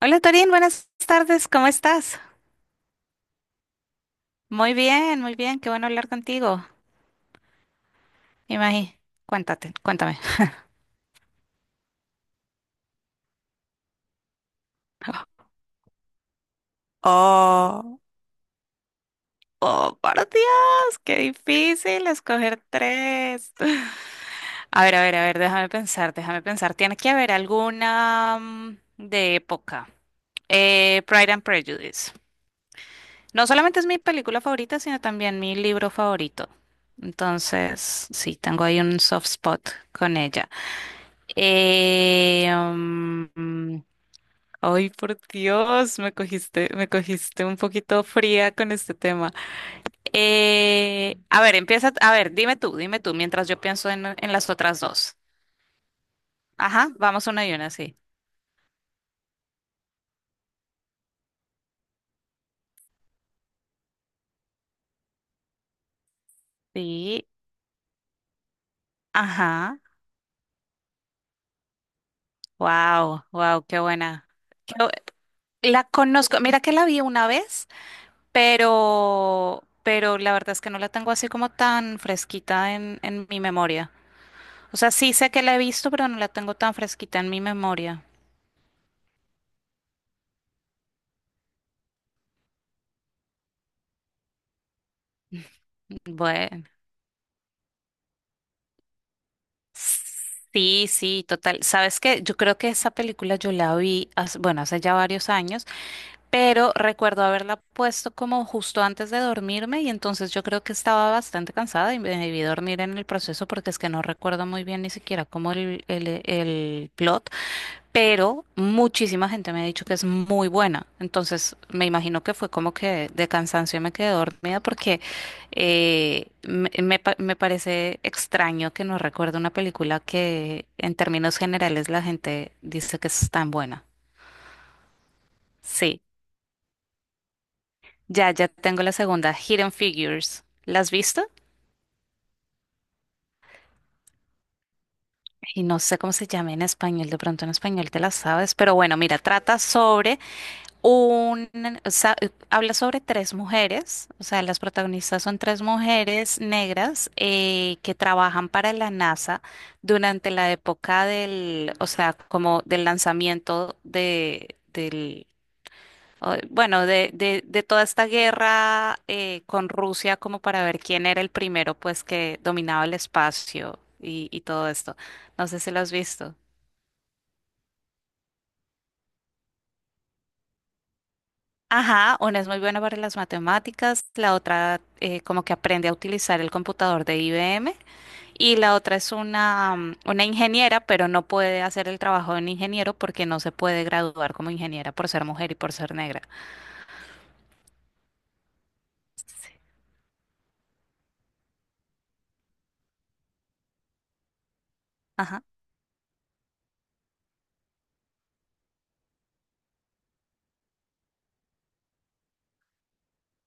Hola Torín, buenas tardes, ¿cómo estás? Muy bien, qué bueno hablar contigo. Imagi, cuéntate, cuéntame. Oh, oh, por Dios, qué difícil escoger tres. A ver, a ver, a ver, déjame pensar, déjame pensar. Tiene que haber alguna de época. Pride and Prejudice. No solamente es mi película favorita, sino también mi libro favorito. Entonces, sí, tengo ahí un soft spot con ella. Eh, mm, Ay, por Dios, me cogiste un poquito fría con este tema. A ver, empieza, a ver, dime tú, mientras yo pienso en las otras dos. Ajá, vamos una y una, sí. Sí, ajá. Wow, wow, qué buena. Qué bu- la conozco, mira que la vi una vez, pero la verdad es que no la tengo así como tan fresquita en mi memoria. O sea, sí sé que la he visto, pero no la tengo tan fresquita en mi memoria. Bueno. Sí, sí, total. Sabes que yo creo que esa película yo la vi, hace- bueno, hace ya varios años, pero recuerdo haberla puesto como justo antes de dormirme y entonces yo creo que estaba bastante cansada y me debí dormir en el proceso porque es que no recuerdo muy bien ni siquiera como el plot, pero muchísima gente me ha dicho que es muy buena. Entonces, me imagino que fue como que de cansancio me quedé dormida porque me pa- me parece extraño que no recuerde una película que en términos generales la gente dice que es tan buena. Sí, ya, ya tengo la segunda, Hidden Figures. ¿La has visto? Y no sé cómo se llama en español, de pronto en español te la sabes, pero bueno, mira, trata sobre Un, o sea, habla sobre tres mujeres, o sea, las protagonistas son tres mujeres negras que trabajan para la NASA durante la época del, o sea, como del lanzamiento o- bueno, de toda esta guerra con Rusia, como para ver quién era el primero, pues, que dominaba el espacio y todo esto. No sé si lo has visto. Ajá, una es muy buena para las matemáticas, la otra como que aprende a utilizar el computador de IBM y la otra es una, una ingeniera, pero no puede hacer el trabajo de un ingeniero porque no se puede graduar como ingeniera por ser mujer y por ser negra. Sí. Ajá.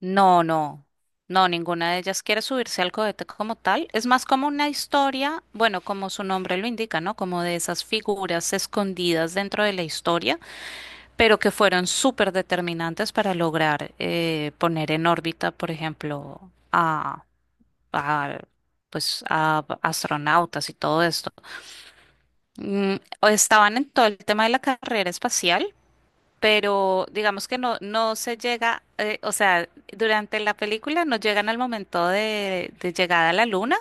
No, no, no, ninguna de ellas quiere subirse al cohete como tal. Es más como una historia, bueno, como su nombre lo indica, ¿no? Como de esas figuras escondidas dentro de la historia pero que fueron súper determinantes para lograr poner en órbita, por ejemplo, a, a, pues, a astronautas y todo esto. Mm, o estaban en todo el tema de la carrera espacial, pero digamos que no, no se llega, o sea, durante la película no llegan al momento de llegada a la luna.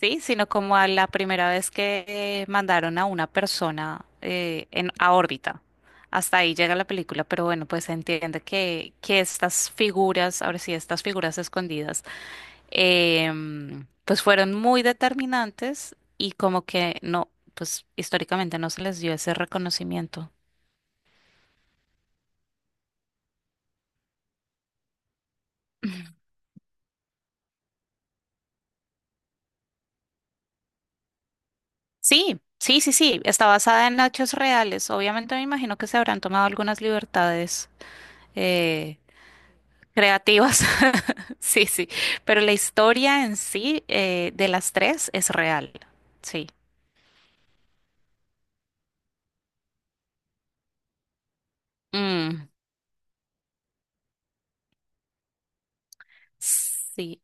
Sí, sino como a la primera vez que mandaron a una persona a órbita. Hasta ahí llega la película, pero bueno, pues se entiende que estas figuras, ahora sí, estas figuras escondidas, pues fueron muy determinantes y como que no, pues históricamente no se les dio ese reconocimiento. Sí, sí, sí, sí, está basada en hechos reales. Obviamente me imagino que se habrán tomado algunas libertades eh, creativas. Sí, sí. Pero la historia en sí de las tres es real. Sí. Mm, sí.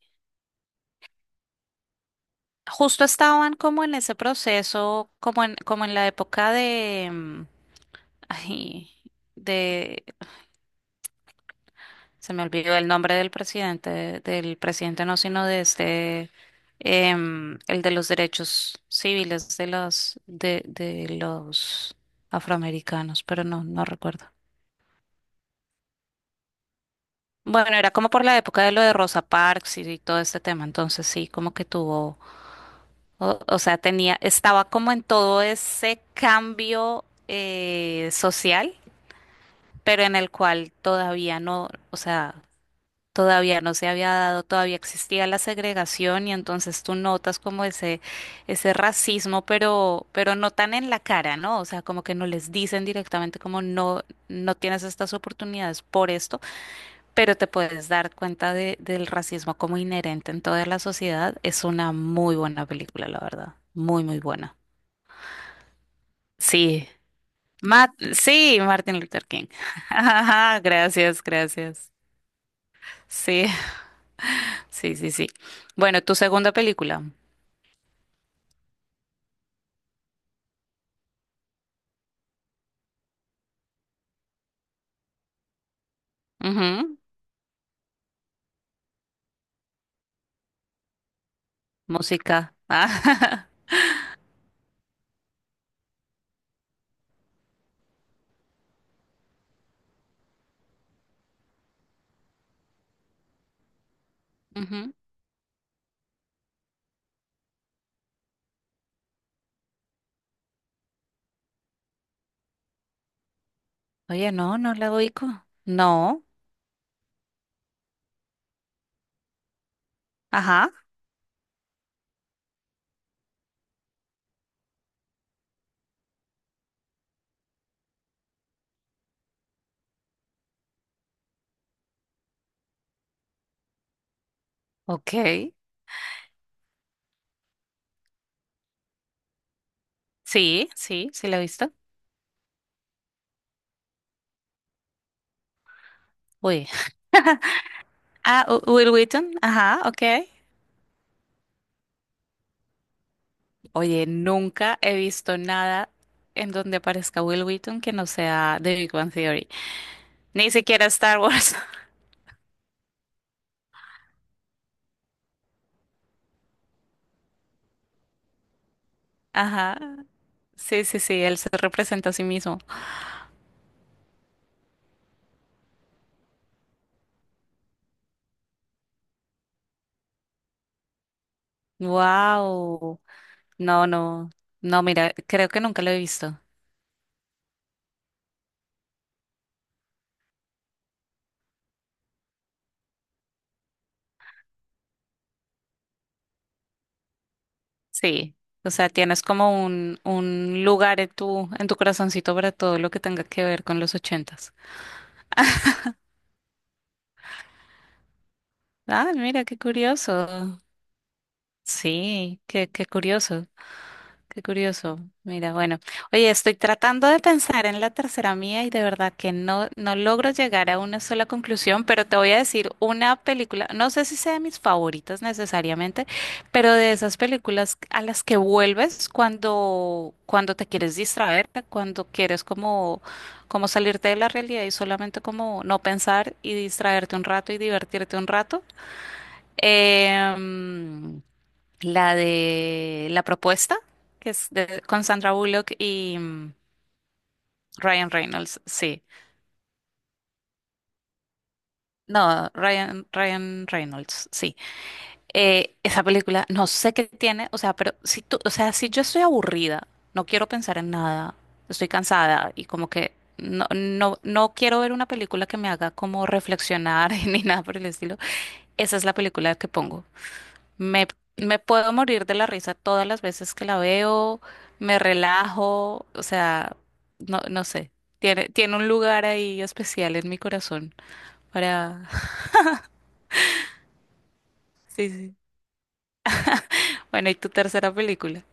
Justo estaban como en ese proceso, como en, como en la época de, ay, de, se me olvidó el nombre del presidente no, sino de este, el de los derechos civiles de los afroamericanos, pero no, no recuerdo. Bueno, era como por la época de lo de Rosa Parks y todo este tema, entonces sí, como que tuvo, o sea, tenía, estaba como en todo ese cambio social, pero en el cual todavía no, o sea, todavía no se había dado, todavía existía la segregación y entonces tú notas como ese racismo, pero no tan en la cara, ¿no? O sea, como que no les dicen directamente como no, no tienes estas oportunidades por esto pero te puedes dar cuenta de- del racismo como inherente en toda la sociedad. Es una muy buena película, la verdad. Muy, muy buena. Sí. Ma- sí, Martin Luther King. Ajá, gracias, gracias. Sí, sí, sí, sí. Bueno, tu segunda película. Ujú, música. Ah, ujú. Oye, no, no la ubico. No. Ajá. Ok. Sí, sí, sí la he visto. Uy. Ah, U- Will Wheaton. Ajá, ok. Oye, nunca he visto nada en donde aparezca Will Wheaton que no sea de Big Bang Theory. Ni siquiera Star Wars. Ajá. Sí, sí, sí, él se representa a sí mismo. Wow. No, no. No, mira, creo que nunca lo he visto. Sí. O sea, tienes como un lugar en tu corazoncito para todo lo que tenga que ver con los ochentas. Ah, mira, qué curioso. Sí, qué, qué curioso. Qué curioso. Mira, bueno, oye, estoy tratando de pensar en la tercera mía y de verdad que no, no logro llegar a una sola conclusión, pero te voy a decir una película, no sé si sea de mis favoritas necesariamente, pero de esas películas a las que vuelves cuando, cuando te quieres distraerte, cuando quieres como, como salirte de la realidad y solamente como no pensar y distraerte un rato y divertirte un rato. Em, la de La Propuesta, que es de- con Sandra Bullock y Ryan Reynolds, sí. No, Ryan Reynolds, sí. Esa película, no sé qué tiene, o sea, pero si tú, o sea, si yo estoy aburrida, no quiero pensar en nada, estoy cansada y como que no, no, no quiero ver una película que me haga como reflexionar ni nada por el estilo, esa es la película que pongo. Me, me puedo morir de la risa todas las veces que la veo, me relajo, o sea, no, no sé. Tiene un lugar ahí especial en mi corazón para... Sí, sí. Bueno, ¿y tu tercera película?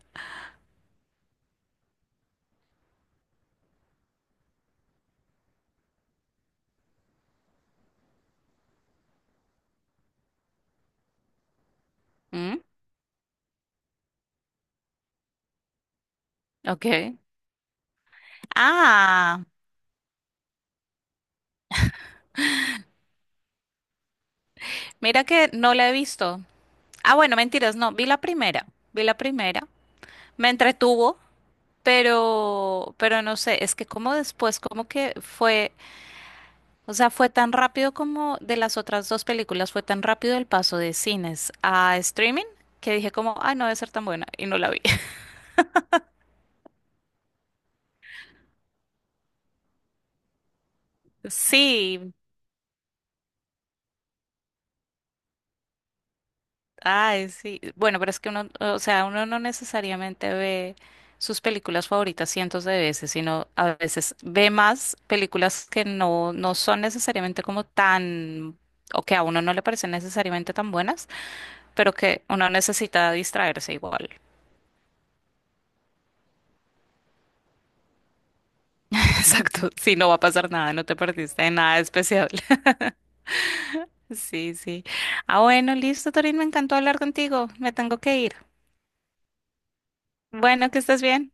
¿Mm? Ok. Ah, mira que no la he visto. Ah, bueno, mentiras, no, vi la primera, me entretuvo, pero no sé, es que como después, como que fue. O sea, fue tan rápido como de las otras dos películas, fue tan rápido el paso de cines a streaming que dije como, ay, no debe ser tan buena y no la vi. Sí, ay, sí. Bueno, pero es que uno, o sea, uno no necesariamente ve sus películas favoritas 100s de veces, sino a veces ve más películas que no, no son necesariamente como tan, o que a uno no le parecen necesariamente tan buenas, pero que uno necesita distraerse igual. Exacto, si no va a pasar nada, no te perdiste de nada especial. Sí, sí. Ah, bueno, listo, Torín, me encantó hablar contigo. Me tengo que ir. Bueno, que estés bien.